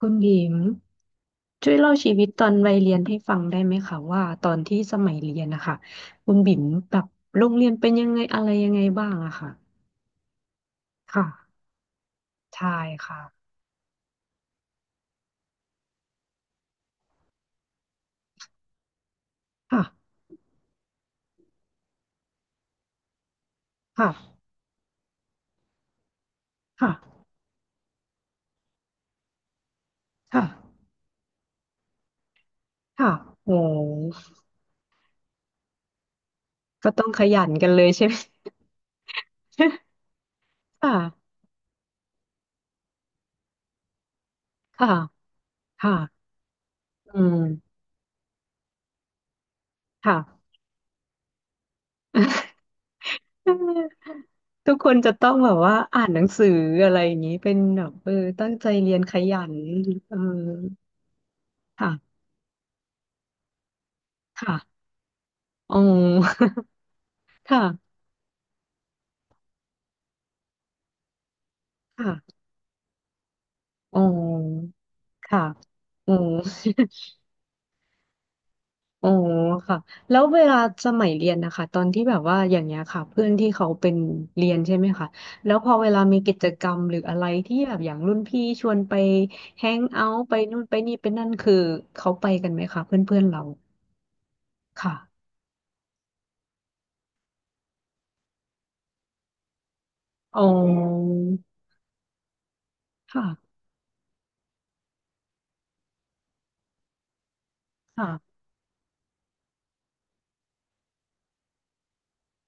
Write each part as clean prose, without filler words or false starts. คุณหญิงช่วยเล่าชีวิตตอนวัยเรียนให้ฟังได้ไหมคะว่าตอนที่สมัยเรียนนะคะคุณบิ่มแบบโรงเรียนเป็นยังไงอะไรยังไงบ้างอะค่ะค่ะใช่ค่ะค่ะค่ะค่ะค่ะค่ะโอ้ก็ต้องขยันกันเลยใช่ไหม ค่ะค่ะค่ะอืมค่ะ ทุกคนจะต้องแบบว่าอ่านหนังสืออะไรอย่างนี้เป็นแบบเออตั้งใจเรียนขยันเออค่ะค่ะ อ๋อ ค่ะค่ะอ๋อค่ะอ๋อ อ๋อค่ะแล้วเวลาสมัยเรียนนะคะตอนที่แบบว่าอย่างเงี้ยค่ะเพื่อนที่เขาเป็นเรียนใช่ไหมคะแล้วพอเวลามีกิจกรรมหรืออะไรที่แบบอย่างรุ่นพี่ชวนไปแฮงเอาท์ไปนู่นไปนี่ไปนั่นคือเขาไปกันไหมคะเพื่อนเพื่อนเราค่ะอ๋อค่ะค่ะ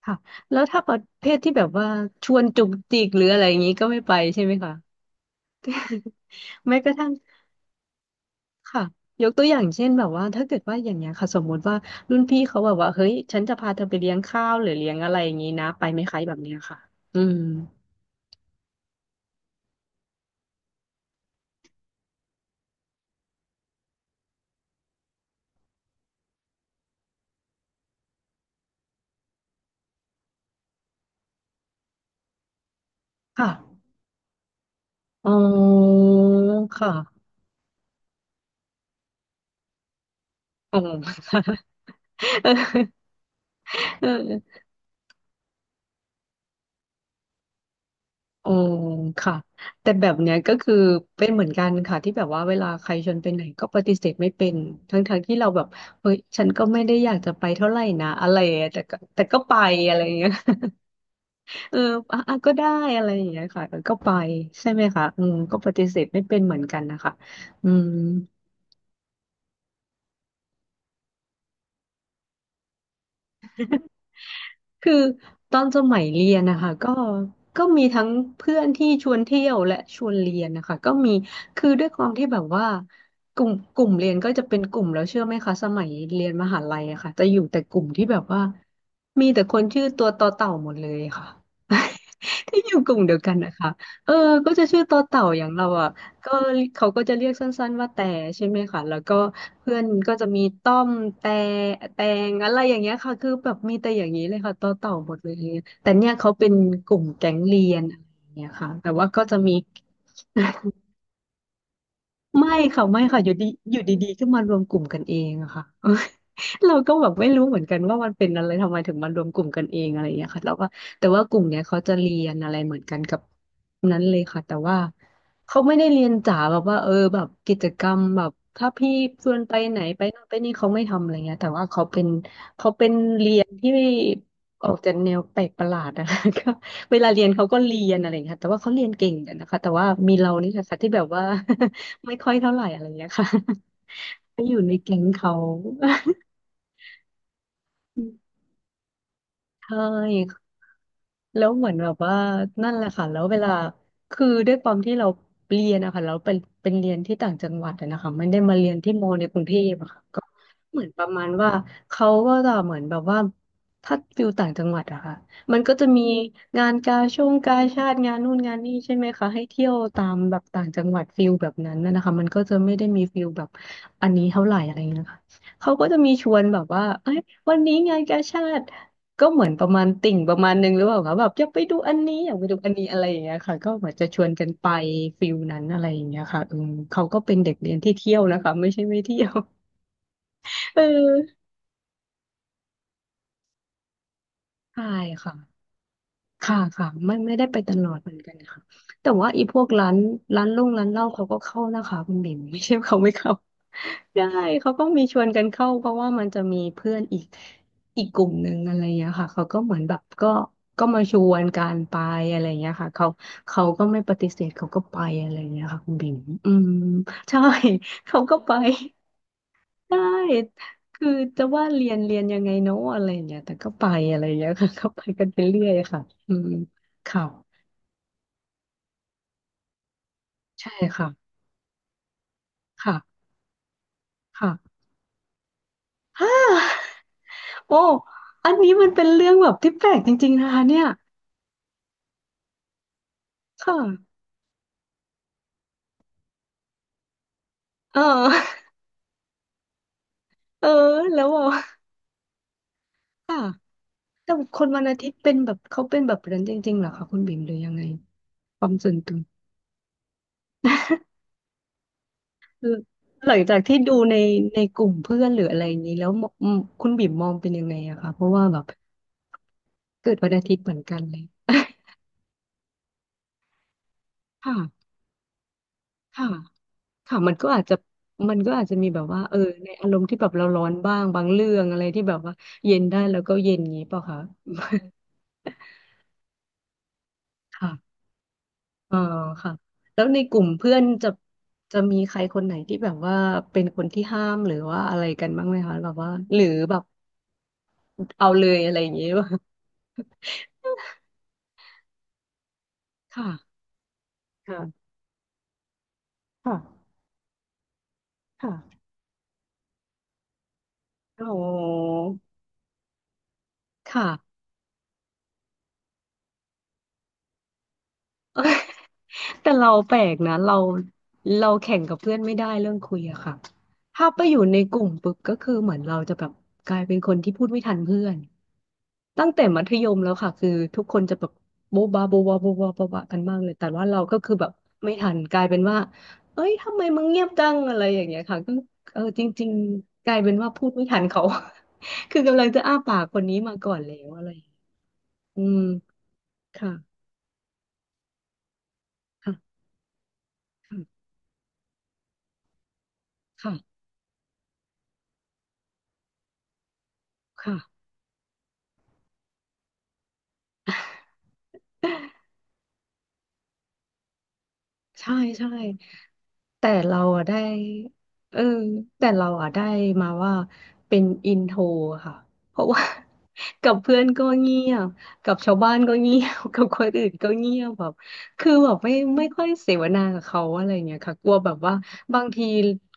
ค่ะแล้วถ้าประเภทที่แบบว่าชวนจุกจิกหรืออะไรอย่างนี้ก็ไม่ไปใช่ไหมคะ แม้กระทั่ง ค่ะยกตัวอย่างเช่นแบบว่าถ้าเกิดว่าอย่างเงี้ยค่ะสมมุติว่ารุ่นพี่เขาแบบว่าเฮ้ยฉันจะพาเธอไปเลี้ยงข้าวหรือเลี้ยงอะไรอย่างงี้นะไปไหมคะแบบเนี้ยค่ะอืมค่ะอ๋อค่ะอ๋อ เอออ๋อค่ะแต่แบบเนี้ยก็คือเป็นเหมือนกันค่ะที่แบบว่าเวลาใครชวนไปไหนก็ปฏิเสธไม่เป็นทั้งๆทที่เราแบบเฮ้ยฉันก็ไม่ได้อยากจะไปเท่าไหร่นะอะไรอะแต่ก็ไปอะไรอย่างเงี้ย เอออ่ะอ่ะก็ได้อะไรอย่างเงี้ยค่ะเออก็ไปใช่ไหมคะอืมก็ปฏิเสธไม่เป็นเหมือนกันนะคะอืมคือตอนสมัยเรียนนะคะก็มีทั้งเพื่อนที่ชวนเที่ยวและชวนเรียนนะคะก็มีคือด้วยความที่แบบว่ากลุ่มเรียนก็จะเป็นกลุ่มแล้วเชื่อไหมคะสมัยเรียนมหาลัยอะค่ะจะอยู่แต่กลุ่มที่แบบว่ามีแต่คนชื่อตัวต่อเต่าหมดเลยค่ะ ที่อยู่กลุ่มเดียวกันนะคะเออก็จะชื่อต่อเต่าอย่างเราอ่ะ ก็เขาก็จะเรียกสั้นๆว่าแต่ใช่ไหมคะแล้วก็เพื่อนก็จะมีต้อมแต่แตงอะไรอย่างเงี้ยค่ะคือแบบมีแต่อย่างนี้เลยค่ะต่อหมดเลยอย่างเงี้ยแต่เนี่ยเขาเป็นกลุ่มแก๊งเรียนอะไรอย่างเงี้ยค่ะแต่ว่าก็จะมี ไม่ค่ะไม่ค่ะอยู่ดีอยู่ดีๆก็มารวมกลุ่มกันเองอะค่ะ เราก็แบบไม่รู้เหมือนกันว่ามันเป็นอะไรทำไมถึงมารวมกลุ่มกันเองอะไรอย่างเงี้ยค่ะแล้วก็แต่ว่ากลุ่มเนี้ยเขาจะเรียนอะไรเหมือนกันกับนั้นเลยค่ะแต่ว่าเขาไม่ได้เรียนจ๋าแบบว่าเออแบบกิจกรรมแบบถ้าพี่ชวนไปไหนไปนั่นไปนี่เขาไม่ทำอะไรเงี้ยแต่ว่าเขาเป็นเรียนที่ออกจากแนวแปลกประหลาดอะคะ ก็เวลาเรียนเขาก็เรียนอะไรอย่างเงี้ยค่ะแต่ว่าเขาเรียนเก่งกันนะคะแต่ว่ามีเรานี่แหละค่ะที่แบบว่า ไม่ค่อยเท่าไหร่อะไรอย่างเงี้ยค่ะ ไปอยู่ในแก๊งเขา เช่ แล้วเหมือนแบบว่านั่นแหละค่ะแล้วเวลาคือด้วยความที่เราเรียนนะคะเราเป็นเรียนที่ต่างจังหวัดอะนะคะไม่ได้มาเรียนที่มอในกรุงเทพอะค่ะก็เหมือนประมาณว่าเขาก็จะเหมือนแบบว่าถ้าฟิลต่างจังหวัดอะค่ะมันก็จะมีงานกาช่วงกาชาติงานนู่นงานนี่ใช่ไหมคะให้เที่ยวตามแบบต่างจังหวัดฟิลแบบนั้นนะคะมันก็จะไม่ได้มีฟิลแบบอันนี้เท่าไหร่อะไรเงี้ยค่ะเขาก็จะมีชวนแบบว่าเอ้ยวันนี้งานกาชาติ ก็เหมือนประมาณติ่งประมาณนึงหรือเปล่าคะแบบอยากไปดูอันนี้อยากไปดูอันนี้อะไรอย่างเงี้ยค่ะก็เหมือนจะชวนกันไปฟิลนั้นอะไรอย่างเงี้ยค่ะเออเขาก็เป็นเด็กเรียนที่เที่ยวนะคะไม่ใช่ไม่เที่ยว เออใช่ค่ะ ค่ะค่ะไม่ได้ไปตลอดเหมือนกันค่ะแต่ว่าอีพวกร้านร้านลงร้านเหล้าเขาก็เข้านะคะคุณบิ่ม ไม่ใช่เขาไม่เข้าได้เขาก็มีชวนกันเข้าเพราะว่ามันจะมีเพื่อนอีกอีกกลุ่มหนึ่งอะไรอย่างเงี้ยค่ะเขาก็เหมือนแบบก็มาชวนการไปอะไรอย่างเงี้ยค่ะเขาก็ไม่ปฏิเสธเขาก็ไปอะไรอย่างเงี้ยค่ะคุณบิ่มอืมใช่ เขาก็ไป ได้คือจะว่าเรียนยังไงเนาะอะไรอย่างเงี้ยแต่ก็ไปอะไรอย่างเงี้ยค่ะก็ไปกันไปเรื่อยค่ะอืมค่ะใช่ค่ะค่ะค่ะ ฮ่าโอ้อันนี้มันเป็นเรื่องแบบที่แปลกจริงๆนะคะเนี่ยค่ะเออเออแล้วอ่ะค่ะแต่คนวันอาทิตย์เป็นแบบเขาเป็นแบบนั้นจริงๆเหรอคะคุณบิ่มหรือยังไงความส่วนตัว คือหลังจากที่ดูในกลุ่มเพื่อนหรืออะไรอย่างนี้แล้วมคุณบิ่มมองเป็นยังไงอะคะเพราะว่าแบบเกิดวันอาทิตย์เหมือนกันเลย ค่ะค่ะค่ะมันก็อาจจะมีแบบว่าเออในอารมณ์ที่แบบเราร้อนบ้างบางเรื่องอะไรที่แบบว่าเย็นได้แล้วก็เย็นอย่างนี้เปล่าคะ ค่ะอ๋อค่ะแล้วในกลุ่มเพื่อนจะมีใครคนไหนที่แบบว่าเป็นคนที่ห้ามหรือว่าอะไรกันบ้างไหมคะแบบว่าหรือแบบเอาเลยอะไรอย่างนี้ว่ะค่ะค่ะค่ะ ค่ะอ๋อค่ะ แต่เราแปลกนะเราแข่งกับเพื่อนไม่ได้เรื่องคุยอะค่ะถ้าไปอยู่ในกลุ่มปุ๊บก็คือเหมือนเราจะแบบกลายเป็นคนที่พูดไม่ทันเพื่อนตั้งแต่มัธยมแล้วค่ะคือทุกคนจะแบบโบ๊ะบาโบ๊ะบาโบ๊ะบาโบ๊ะบากันมากเลยแต่ว่าเราก็คือแบบไม่ทันกลายเป็นว่าเอ้ยทำไมมึงเงียบจังอะไรอย่างเงี้ยค่ะก็เออจริงๆกลายเป็นว่าพูดไม่ทันเขา คือกำลังจะอ้าปากคนนี้มาก่อนแล้วอะไรอย่างเงี้ยอืมค่ะค่ะ ค่ะค่ะใช่ใช่แต่เราอะได้เออแต่เราอะได้มาว่าเป็นอินโทรค่ะเพราะว่า กับเพื่อนก็เงียบกับชาวบ้านก็เงียบ กับคนอื่นก็เงียบแบบคือแบบไม่ค่อยเสวนากับเขาอะไรเงี้ยค่ะกลัวแบบว่าบางที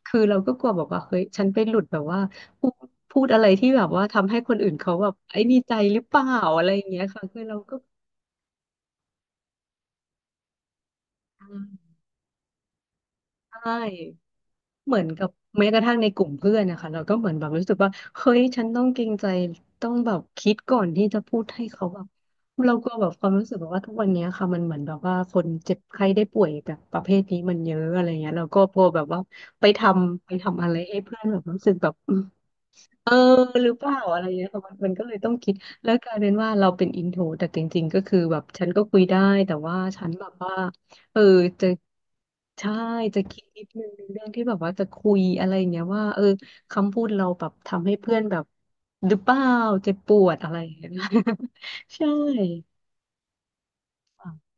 คือเราก็กลัวแบบว่าเฮ้ยฉันไปหลุดแบบว่าพูดพูดอะไรที่แบบว่าทำให้คนอื่นเขาแบบไอ้นี่ใจหรือเปล่าอะไรอย่างเงี้ยค่ะคือเราก็ใช่ เหมือนกับแม้กระทั่งในกลุ่มเพื่อนนะคะเราก็เหมือนแบบรู้สึกว่าเฮ้ยฉันต้องเกรงใจต้องแบบคิดก่อนที่จะพูดให้เขาแบบเราก็แบบความรู้สึกแบบว่าทุกวันเนี้ยค่ะมันเหมือนแบบว่าคนเจ็บไข้ได้ป่วยแบบประเภทนี้มันเยอะอะไรเงี้ยเราก็พอแบบว่าไปทำอะไรให้เพื่อนแบบรู้สึกแบบ เออหรือเปล่าอะไรเงี้ยค่ะมันก็เลยต้องคิดแล้วกลายเป็นว่าเราเป็นอินโทรแต่จริงๆก็คือแบบฉันก็คุยได้แต่ว่าฉันแบบว่าเออจะใช่จะคิดนิดนึงในเรื่องที่แบบว่าจะคุยอะไรเงี้ยว่าเออคำพูดเราแบบทำให้เพื่อนแบบหรือเปล่าเจ็บปวดอะไรอย่างเงี้ย ใช่ค่ะ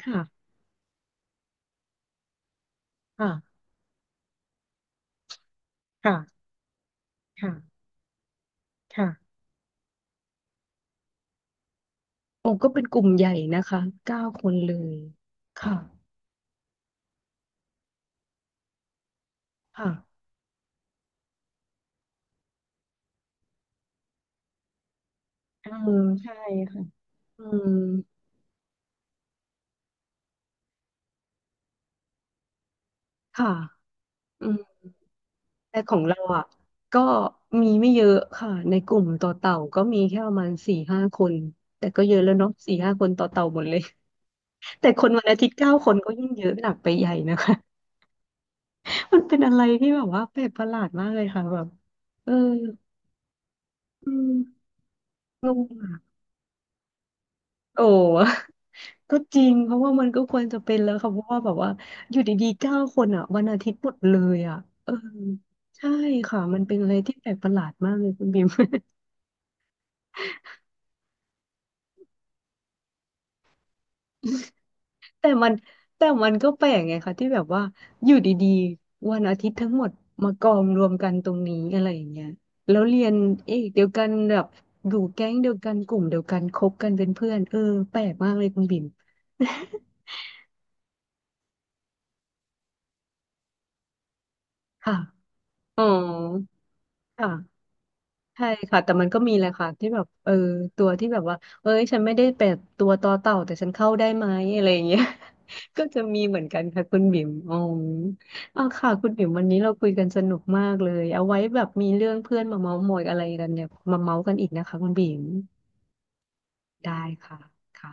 ค่ะค่ะค่ะค่ะโอ้ก็เป็นกลุ่มใหญ่นะคะเก้าคนเลยค่ะค่ะเออใช่ค่ะอืม ค่ะอืมแต่ของเราอ่ะก็มีไม่เยอะค่ะในกลุ่มต่อเต่าก็มีแค่ประมาณสี่ห้าคนแต่ก็เยอะแล้วเนาะสี่ห้าคนต่อเต่าหมดเลย แต่คนวันอาทิตย์เก้าคนก็ยิ่งเยอะหนักไปใหญ่นะคะ มันเป็นอะไรที่แบบว่าแปลกประหลาดมากเลยค่ะแบบเอออืมงงอ่ะโอ้ ก็จริงเพราะว่ามันก็ควรจะเป็นแล้วค่ะเพราะว่าแบบว่าอยู่ดีๆเก้าคนอ่ะวันอาทิตย์หมดเลยอ่ะเออใช่ค่ะมันเป็นอะไรที่แปลกประหลาดมากเลยคุณ บิม แต่มันแต่มันก็แปลกไงคะที่แบบว่าอยู่ดีๆวันอาทิตย์ทั้งหมดมากองรวมกันตรงนี้อะไรอย่างเงี้ยแล้วเรียนเอกเดียวกันแบบอยู่แก๊งเดียวกันกลุ่มเดียวกันคบกันเป็นเพื่อนเออแปลกมากเลยคุณบิ่ม ค่ะอ๋อค่ะ ใช่ค่ะแต่มันก็มีแหละค่ะที่แบบเออตัวที่แบบว่าเอ้ยฉันไม่ได้เป็นตัวต่อเต่าแต่ฉันเข้าได้ไหมอะไรอย่างเงี้ย ก็จะมีเหมือนกันค่ะคุณบิ่มอ๋อออาค่ะคุณบิ่มวันนี้เราคุยกันสนุกมากเลยเอาไว้แบบมีเรื่องเพื่อนมาเม้าท์มอยอะไรกันเนี่ยมาเม้าท์กันอีกนะคะคุณบิ่มได้ค่ะค่ะ